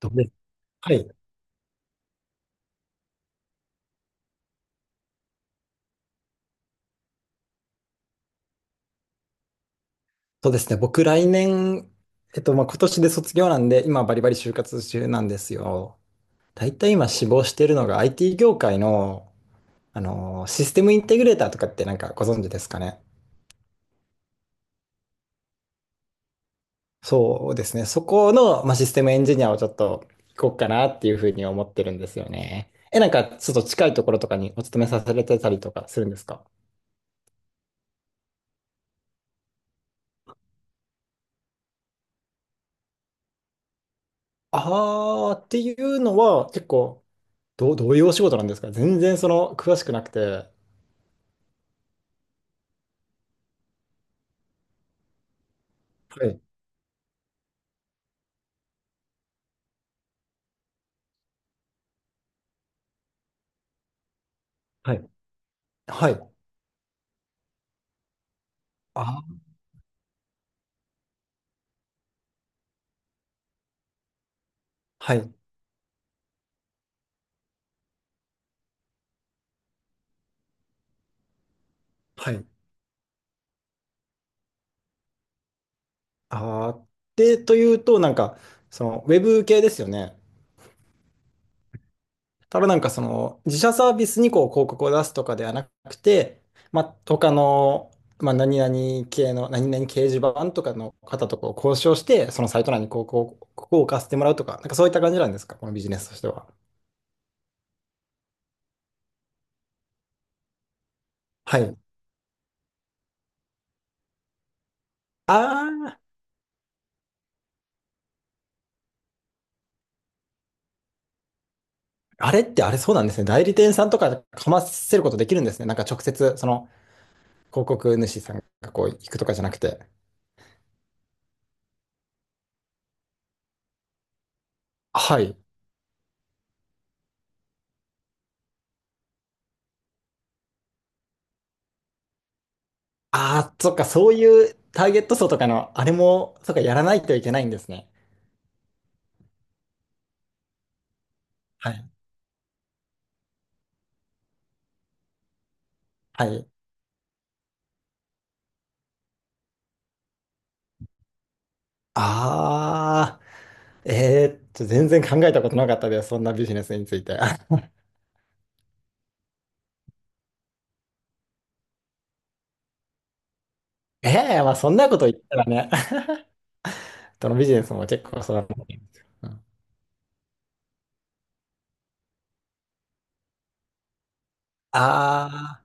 とねはい。そうですね。僕、来年、まあ、今年で卒業なんで、今、バリバリ就活中なんですよ。大体今、志望してるのが IT 業界の、システムインテグレーターとかってなんかご存知ですかね？そうですね。そこの、まあ、システムエンジニアをちょっと行こうかなっていうふうに思ってるんですよね。なんか、ちょっと近いところとかにお勤めさせてたりとかするんですか？あーっていうのは、結構、どういうお仕事なんですか？全然その、詳しくなくて。はい。はいはい。あ、はい。はい。あーで、というと、なんか、その、ウェブ系ですよね。ただなんか、その、自社サービスにこう、広告を出すとかではなくて、まあ、他の、まあ、何々系の、何々掲示板とかの方とこう交渉して、そのサイト内にこう、ここを置かせてもらうとか、なんかそういった感じなんですか、このビジネスとしては。はい。ああ、あれってあれそうなんですね。代理店さんとかかませることできるんですね。なんか直接、その、広告主さんがこう、行くとかじゃなくて。はい。ああ、そっか、そういうターゲット層とかの、あれも、そっか、やらないといけないんですね。はい。はい。ああ、全然考えたことなかったです。そんなビジネスについて。ええまあ、そんなこと言ったらね、どのビジネスも結構そうだと思んですよ。うん。ああ、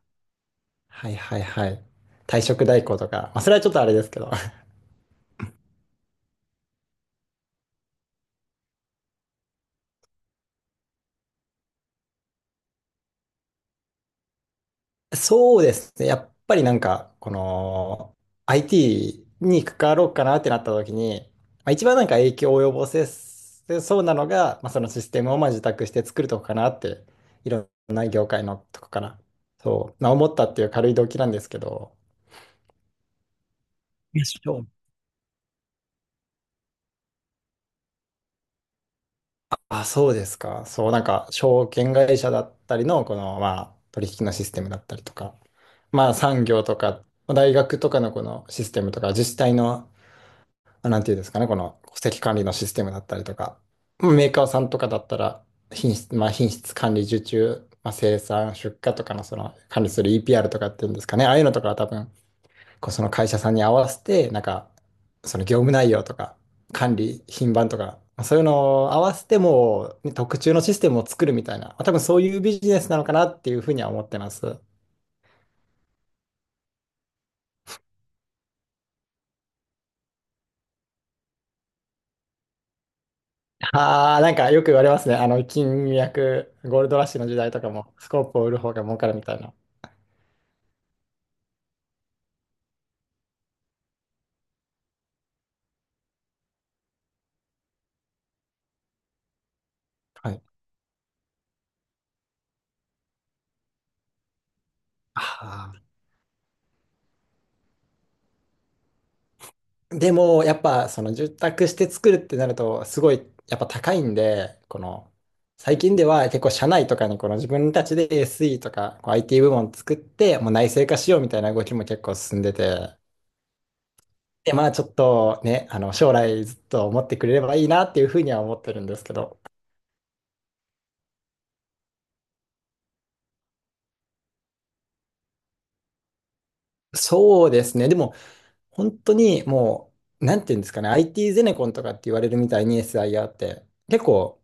はいはいはい。退職代行とか、まあ、それはちょっとあれですけど。そうですね。やっぱりなんか、この IT に関わろうかなってなった時に、まあ、一番なんか影響を及ぼせそうなのが、まあ、そのシステムをまあ受託して作るとこかなって、いろんな業界のとこかな。そう、まあ、思ったっていう軽い動機なんですけど、あ、そうですか。そう、なんか証券会社だったりの、このまあ取引のシステムだったりとか、まあ産業とか、まあ大学とかのこのシステムとか、自治体のなんていうんですかね、この戸籍管理のシステムだったりとか、メーカーさんとかだったら、品質、まあ、品質管理受注、まあ、生産、出荷とかのその管理する EPR とかっていうんですかね、ああいうのとかは多分、こうその会社さんに合わせて、なんか、その業務内容とか、管理、品番とか、まあそういうのを合わせてもう、ね特注のシステムを作るみたいな、まあ多分そういうビジネスなのかなっていうふうには思ってます。ああ、なんかよく言われますね。金脈、ゴールドラッシュの時代とかも、スコープを売る方が儲かるみたいな。はい。ああ。でも、やっぱ、その、住宅して作るってなると、すごい、やっぱ高いんで、この、最近では結構、社内とかに、この自分たちで SE とか、こう IT 部門作って、もう内製化しようみたいな動きも結構進んでて、で、まあ、ちょっとね、将来ずっと思ってくれればいいなっていうふうには思ってるんですけど、そうですね。でも、本当にもう、なんていうんですかね、IT ゼネコンとかって言われるみたいに SIR って、結構、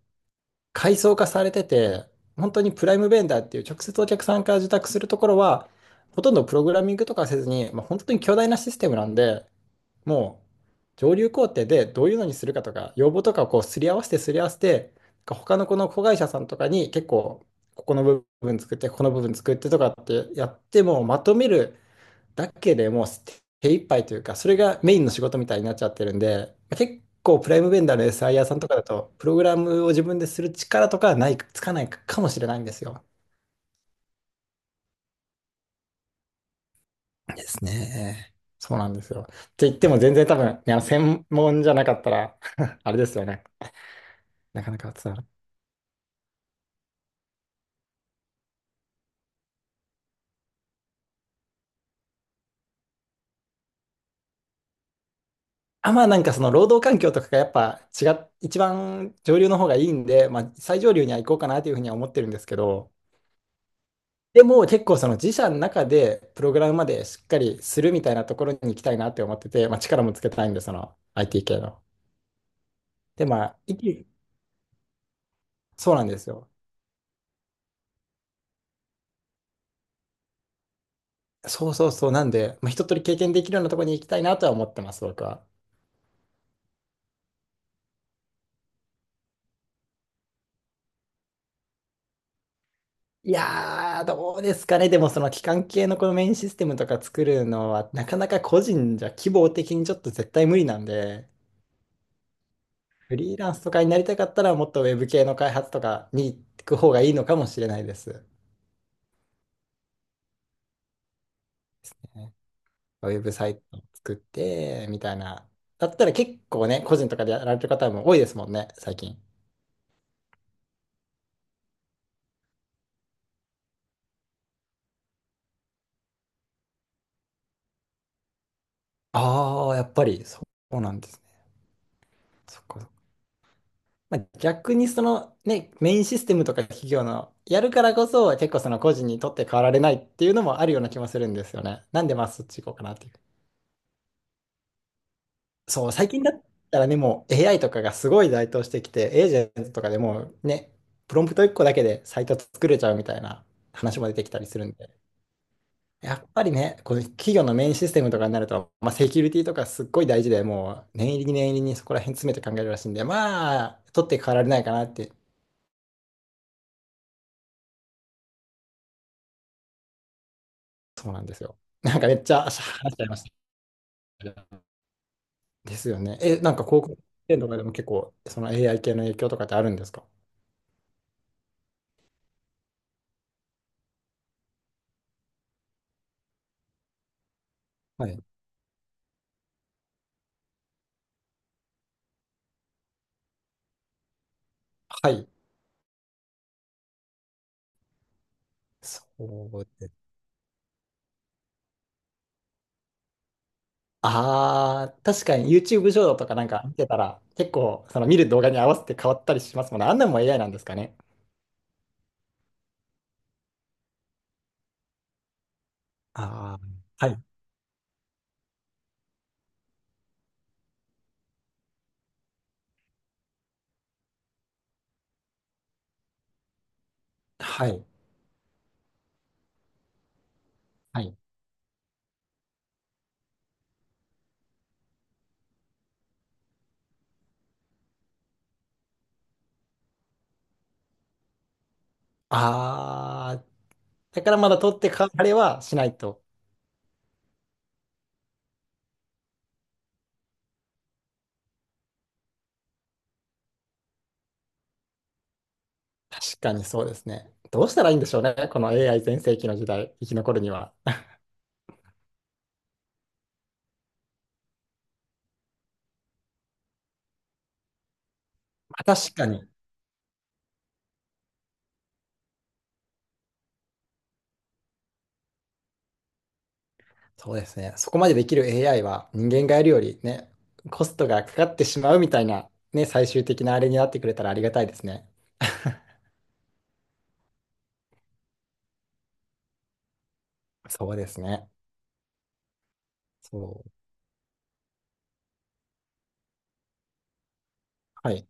階層化されてて、本当にプライムベンダーっていう直接お客さんから受託するところは、ほとんどプログラミングとかせずに、まあ、本当に巨大なシステムなんで、もう上流工程でどういうのにするかとか、要望とかをこうすり合わせてすり合わせて、他のこの子会社さんとかに結構、ここの部分作って、ここの部分作ってとかってやってもまとめるだけでもう手一杯というか、それがメインの仕事みたいになっちゃってるんで、結構プライムベンダーの SIR さんとかだと、プログラムを自分でする力とかはない、つかないかもしれないんですよ。ですね。そうなんですよ。って言っても全然多分、ね、専門じゃなかったら あれですよね。なかなか伝わる。あ、まあなんかその労働環境とかがやっぱ一番上流の方がいいんで、まあ最上流には行こうかなというふうには思ってるんですけど、でも結構その自社の中でプログラムまでしっかりするみたいなところに行きたいなって思ってて、まあ、力もつけたいんで、その IT 系の。で、まあ、いそうなんですよ。そうそうそう。なんで、まあ、一通り経験できるようなところに行きたいなとは思ってます、僕は。いやー、どうですかね。でもその機関系のこのメインシステムとか作るのは、なかなか個人じゃ規模的にちょっと絶対無理なんで、フリーランスとかになりたかったら、もっとウェブ系の開発とかに行く方がいいのかもしれないです。えウェブサイトを作って、みたいな。だったら結構ね、個人とかでやられてる方も多いですもんね、最近。ああ、やっぱりそうなんですね。そっかそっか。まあ、逆にそのね、メインシステムとか企業のやるからこそ、結構その個人にとって変わられないっていうのもあるような気もするんですよね。なんでまあそっち行こうかなっていう。そう、最近だったらね、もう AI とかがすごい台頭してきて、エージェントとかでもうね、プロンプト1個だけでサイト作れちゃうみたいな話も出てきたりするんで。やっぱりね、この企業のメインシステムとかになると、まあ、セキュリティとかすっごい大事で、もう念入りに念入りにそこら辺詰めて考えるらしいんで、まあ、取って代わられないかなって、そうなんですよ。なんかめっちゃ話しちゃいました。ですよね。なんか広告店とかでも結構、その AI 系の影響とかってあるんですか？はい。はい。そうです。ああ、確かに YouTube 上とかなんか見てたら、結構、その見る動画に合わせて変わったりしますもんね。あんなんも AI なんですかね。ああ、はい。はい。はい。ああ、だからまだ取ってか、あれはしないと。確かにそうですね。どうしたらいいんでしょうね。この AI 全盛期の時代、生き残るには。まあ確かに。そうですね。そこまでできる AI は人間がやるよりね、コストがかかってしまうみたいな、ね、最終的なあれになってくれたらありがたいですね。そうですね。そう。はい。